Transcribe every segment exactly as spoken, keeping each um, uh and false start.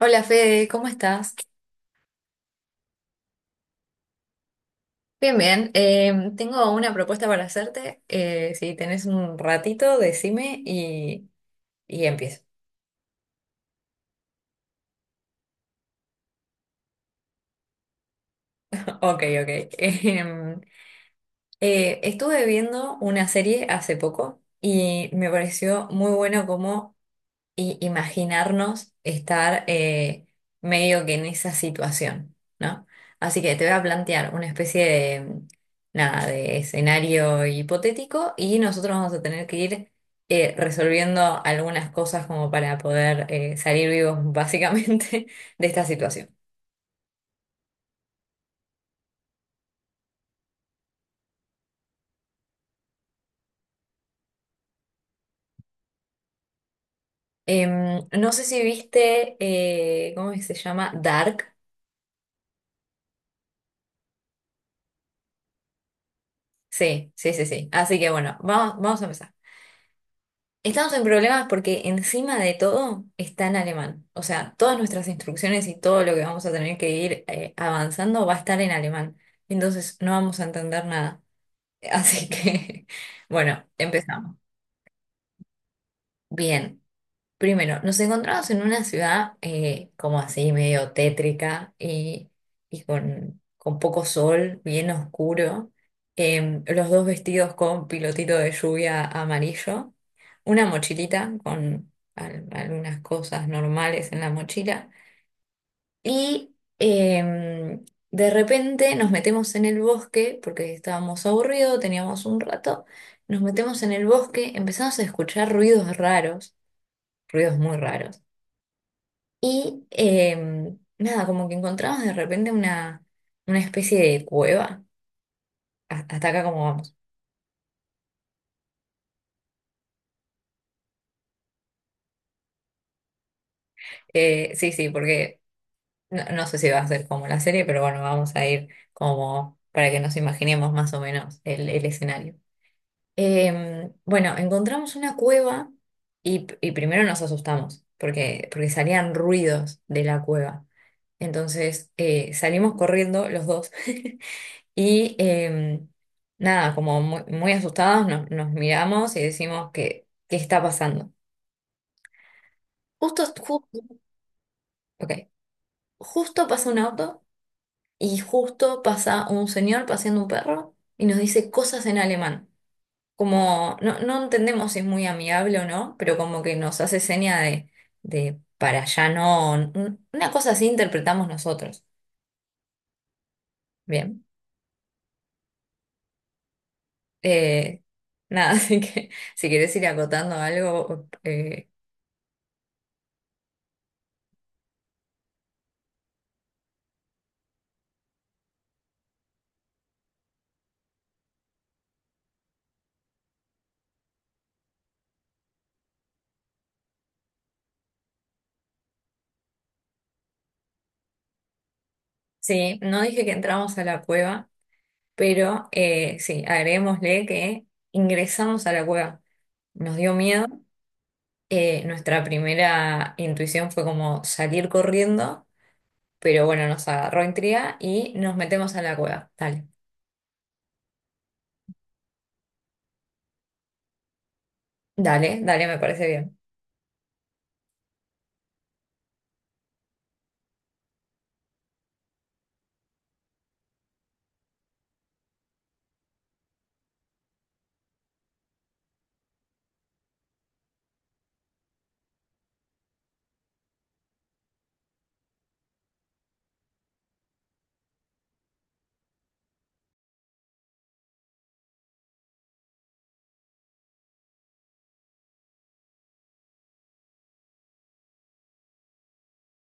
Hola Fede, ¿cómo estás? Bien, bien. Eh, tengo una propuesta para hacerte. Eh, si tenés un ratito, decime y, y empiezo. Ok, ok. Em, eh, Estuve viendo una serie hace poco y me pareció muy bueno cómo y imaginarnos estar eh, medio que en esa situación, ¿no? Así que te voy a plantear una especie de, nada, de escenario hipotético y nosotros vamos a tener que ir eh, resolviendo algunas cosas como para poder eh, salir vivos básicamente de esta situación. Em, no sé si viste, eh, ¿cómo se llama? Dark. Sí, sí, sí, sí. Así que bueno, vamos, vamos a empezar. Estamos en problemas porque encima de todo está en alemán. O sea, todas nuestras instrucciones y todo lo que vamos a tener que ir eh, avanzando va a estar en alemán. Entonces no vamos a entender nada. Así que, bueno, empezamos. Bien. Primero, nos encontramos en una ciudad eh, como así, medio tétrica y, y con, con poco sol, bien oscuro. Em, los dos vestidos con pilotito de lluvia amarillo, una mochilita con al- algunas cosas normales en la mochila. Y em, de repente nos metemos en el bosque, porque estábamos aburridos, teníamos un rato, nos metemos en el bosque, empezamos a escuchar ruidos raros, ruidos muy raros y eh, nada, como que encontramos de repente una, una especie de cueva. Ha- Hasta acá como vamos. Eh, sí, sí, porque no, no sé si va a ser como la serie, pero bueno, vamos a ir como para que nos imaginemos más o menos el, el escenario. Eh, bueno, encontramos una cueva y, y primero nos asustamos porque, porque salían ruidos de la cueva. Entonces eh, salimos corriendo los dos. Y em, Nada, como muy, muy asustados nos, nos miramos y decimos que, ¿qué está pasando? Justo, justo, ok, justo pasa un auto y justo pasa un señor paseando un perro y nos dice cosas en alemán. Como, no, no entendemos si es muy amigable o no, pero como que nos hace seña de, de para allá no, un- una cosa así interpretamos nosotros. Bien. Eh, Nada, así que si querés ir acotando algo, eh, sí, no dije que entramos a la cueva, pero eh, sí, agreguémosle que ingresamos a la cueva. Nos dio miedo. Eh, nuestra primera intuición fue como salir corriendo, pero bueno, nos agarró intriga y nos metemos a la cueva. Dale, dale, dale, me parece bien.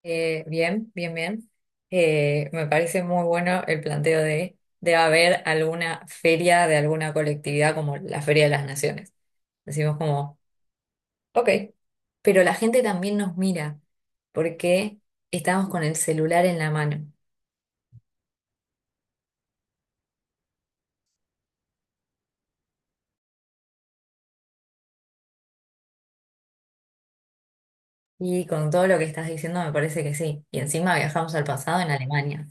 Eh, bien, bien, bien. Eh, me parece muy bueno el planteo de debe haber alguna feria de alguna colectividad como la Feria de las Naciones. Decimos como ok, pero la gente también nos mira porque estamos con el celular en la mano. Y con todo lo que estás diciendo me parece que sí. Y encima viajamos al pasado en Alemania.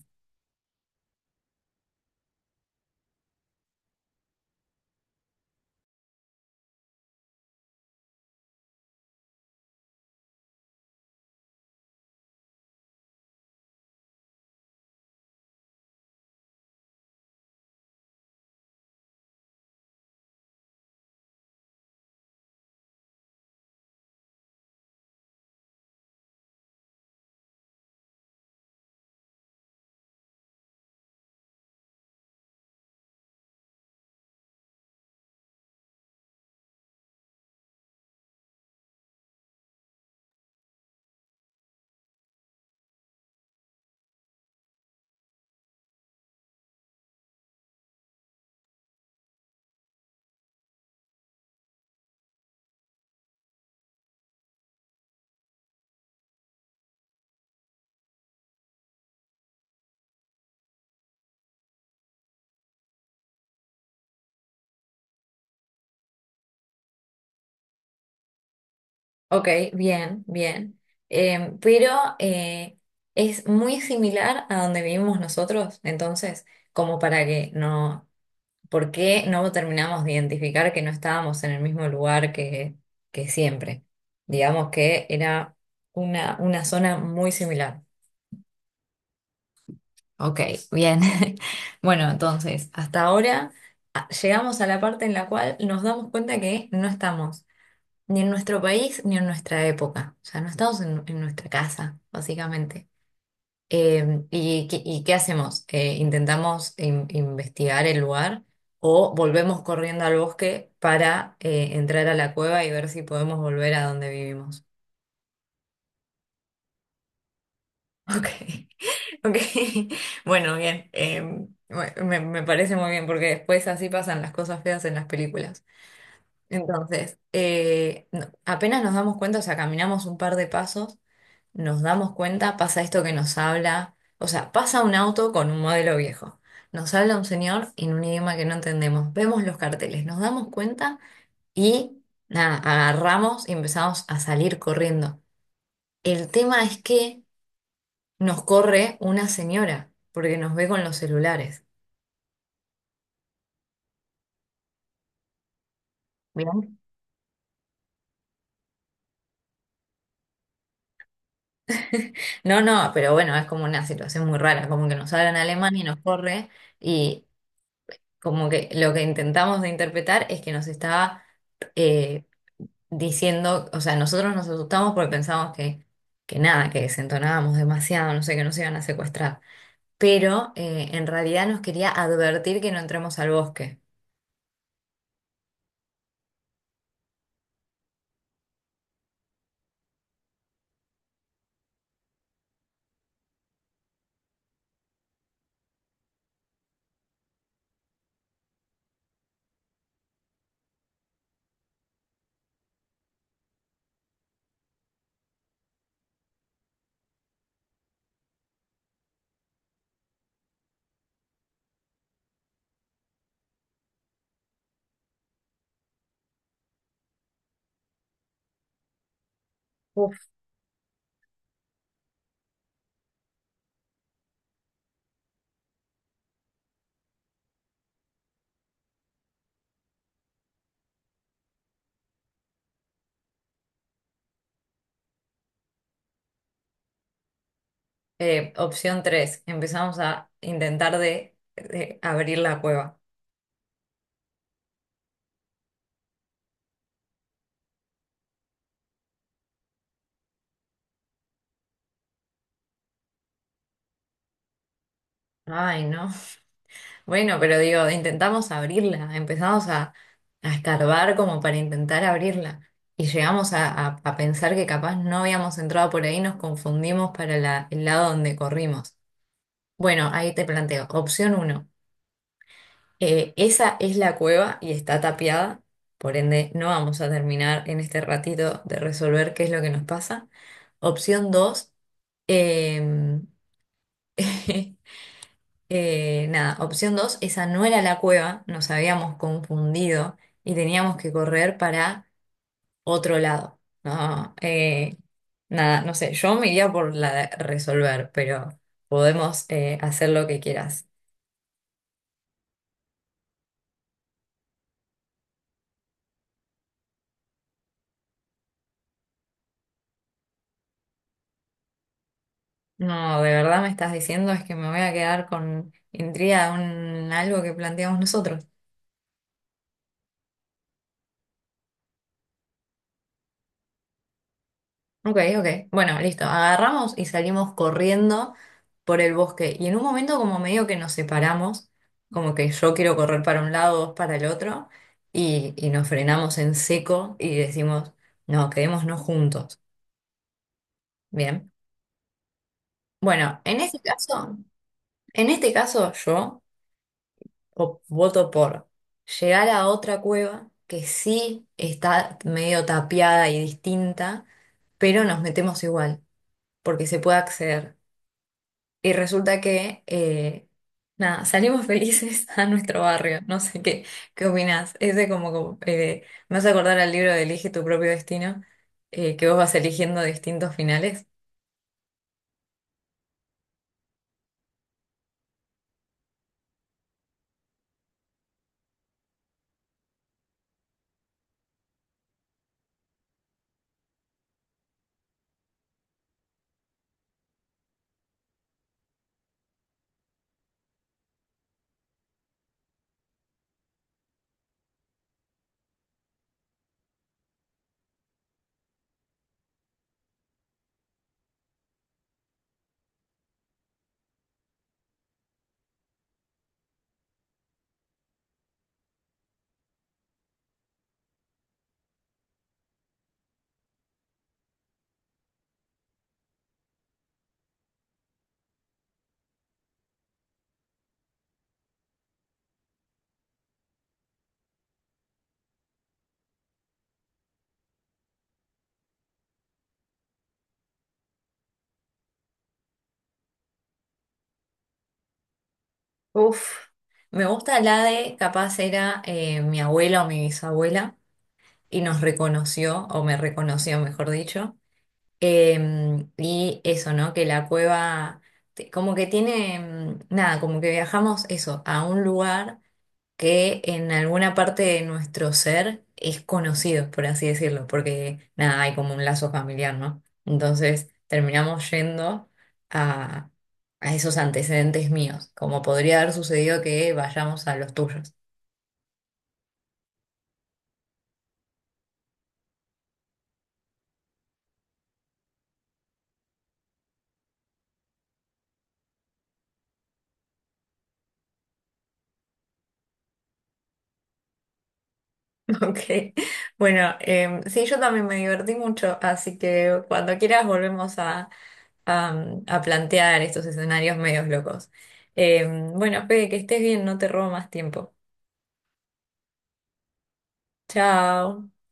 Ok, bien, bien. Eh, pero eh, es muy similar a donde vivimos nosotros, entonces, como para que no, ¿por qué no terminamos de identificar que no estábamos en el mismo lugar que, que siempre? Digamos que era una, una zona muy similar. Ok, bien. Bueno, entonces, hasta ahora a- llegamos a la parte en la cual nos damos cuenta que no estamos ni en nuestro país ni en nuestra época. O sea, no estamos en, en nuestra casa, básicamente. Eh, ¿y, qué y qué hacemos? Eh, ¿intentamos in- investigar el lugar o volvemos corriendo al bosque para eh, entrar a la cueva y ver si podemos volver a donde vivimos? Ok, ok. Bueno, bien. Em, me, me parece muy bien porque después así pasan las cosas feas en las películas. Entonces, eh, no- apenas nos damos cuenta, o sea, caminamos un par de pasos, nos damos cuenta, pasa esto que nos habla, o sea, pasa un auto con un modelo viejo. Nos habla un señor en un idioma que no entendemos. Vemos los carteles, nos damos cuenta y nada, agarramos y empezamos a salir corriendo. El tema es que nos corre una señora porque nos ve con los celulares. ¿Bien? No, no, pero bueno, es como una situación muy rara, como que nos hablan alemán y nos corre y como que lo que intentamos de interpretar es que nos estaba eh, diciendo, o sea, nosotros nos asustamos porque pensamos que, que nada, que desentonábamos demasiado, no sé, que nos iban a secuestrar, pero eh, en realidad nos quería advertir que no entremos al bosque. Uf. Eh, opción tres, empezamos a intentar de de abrir la cueva. Ay, no. Bueno, pero digo, intentamos abrirla, empezamos a, a escarbar como para intentar abrirla y llegamos a, a- a pensar que capaz no habíamos entrado por ahí, nos confundimos para la- el lado donde corrimos. Bueno, ahí te planteo, opción uno, eh, esa es la cueva y está tapiada, por ende no vamos a terminar en este ratito de resolver qué es lo que nos pasa. Opción dos, eh, Eh, nada, opción dos, esa no era la cueva, nos habíamos confundido y teníamos que correr para otro lado. No, eh, nada, no sé, yo me iría por la de resolver, pero podemos eh, hacer lo que quieras. No, de verdad me estás diciendo es que me voy a quedar con intriga de un, algo que planteamos nosotros. Ok, ok. Bueno, listo. Agarramos y salimos corriendo por el bosque. Y en un momento como medio que nos separamos, como que yo quiero correr para un lado, vos para el otro, y, y nos frenamos en seco y decimos, no, quedémonos juntos. Bien. Bueno, en este caso, en este caso yo op- voto por llegar a otra cueva que sí está medio tapiada y distinta, pero nos metemos igual, porque se puede acceder. Y resulta que, eh, nada, salimos felices a nuestro barrio. No sé qué, qué opinás. Ese como, como, eh, me hace acordar al libro de Elige tu propio destino, eh, que vos vas eligiendo distintos finales. Uf, me gusta la de, capaz era eh, mi abuela o mi bisabuela, y nos reconoció, o me reconoció, mejor dicho. Em, y eso, ¿no? Que la cueva, te- como que tiene, mm, nada, como que viajamos eso, a un lugar que en alguna parte de nuestro ser es conocido, por así decirlo, porque nada, hay como un lazo familiar, ¿no? Entonces terminamos yendo a, a esos antecedentes míos, como podría haber sucedido que vayamos a los tuyos. Ok, bueno, em, sí, yo también me divertí mucho, así que cuando quieras volvemos a, a- a plantear estos escenarios medios locos. Em, bueno, Fede, que estés bien, no te robo más tiempo. Chao.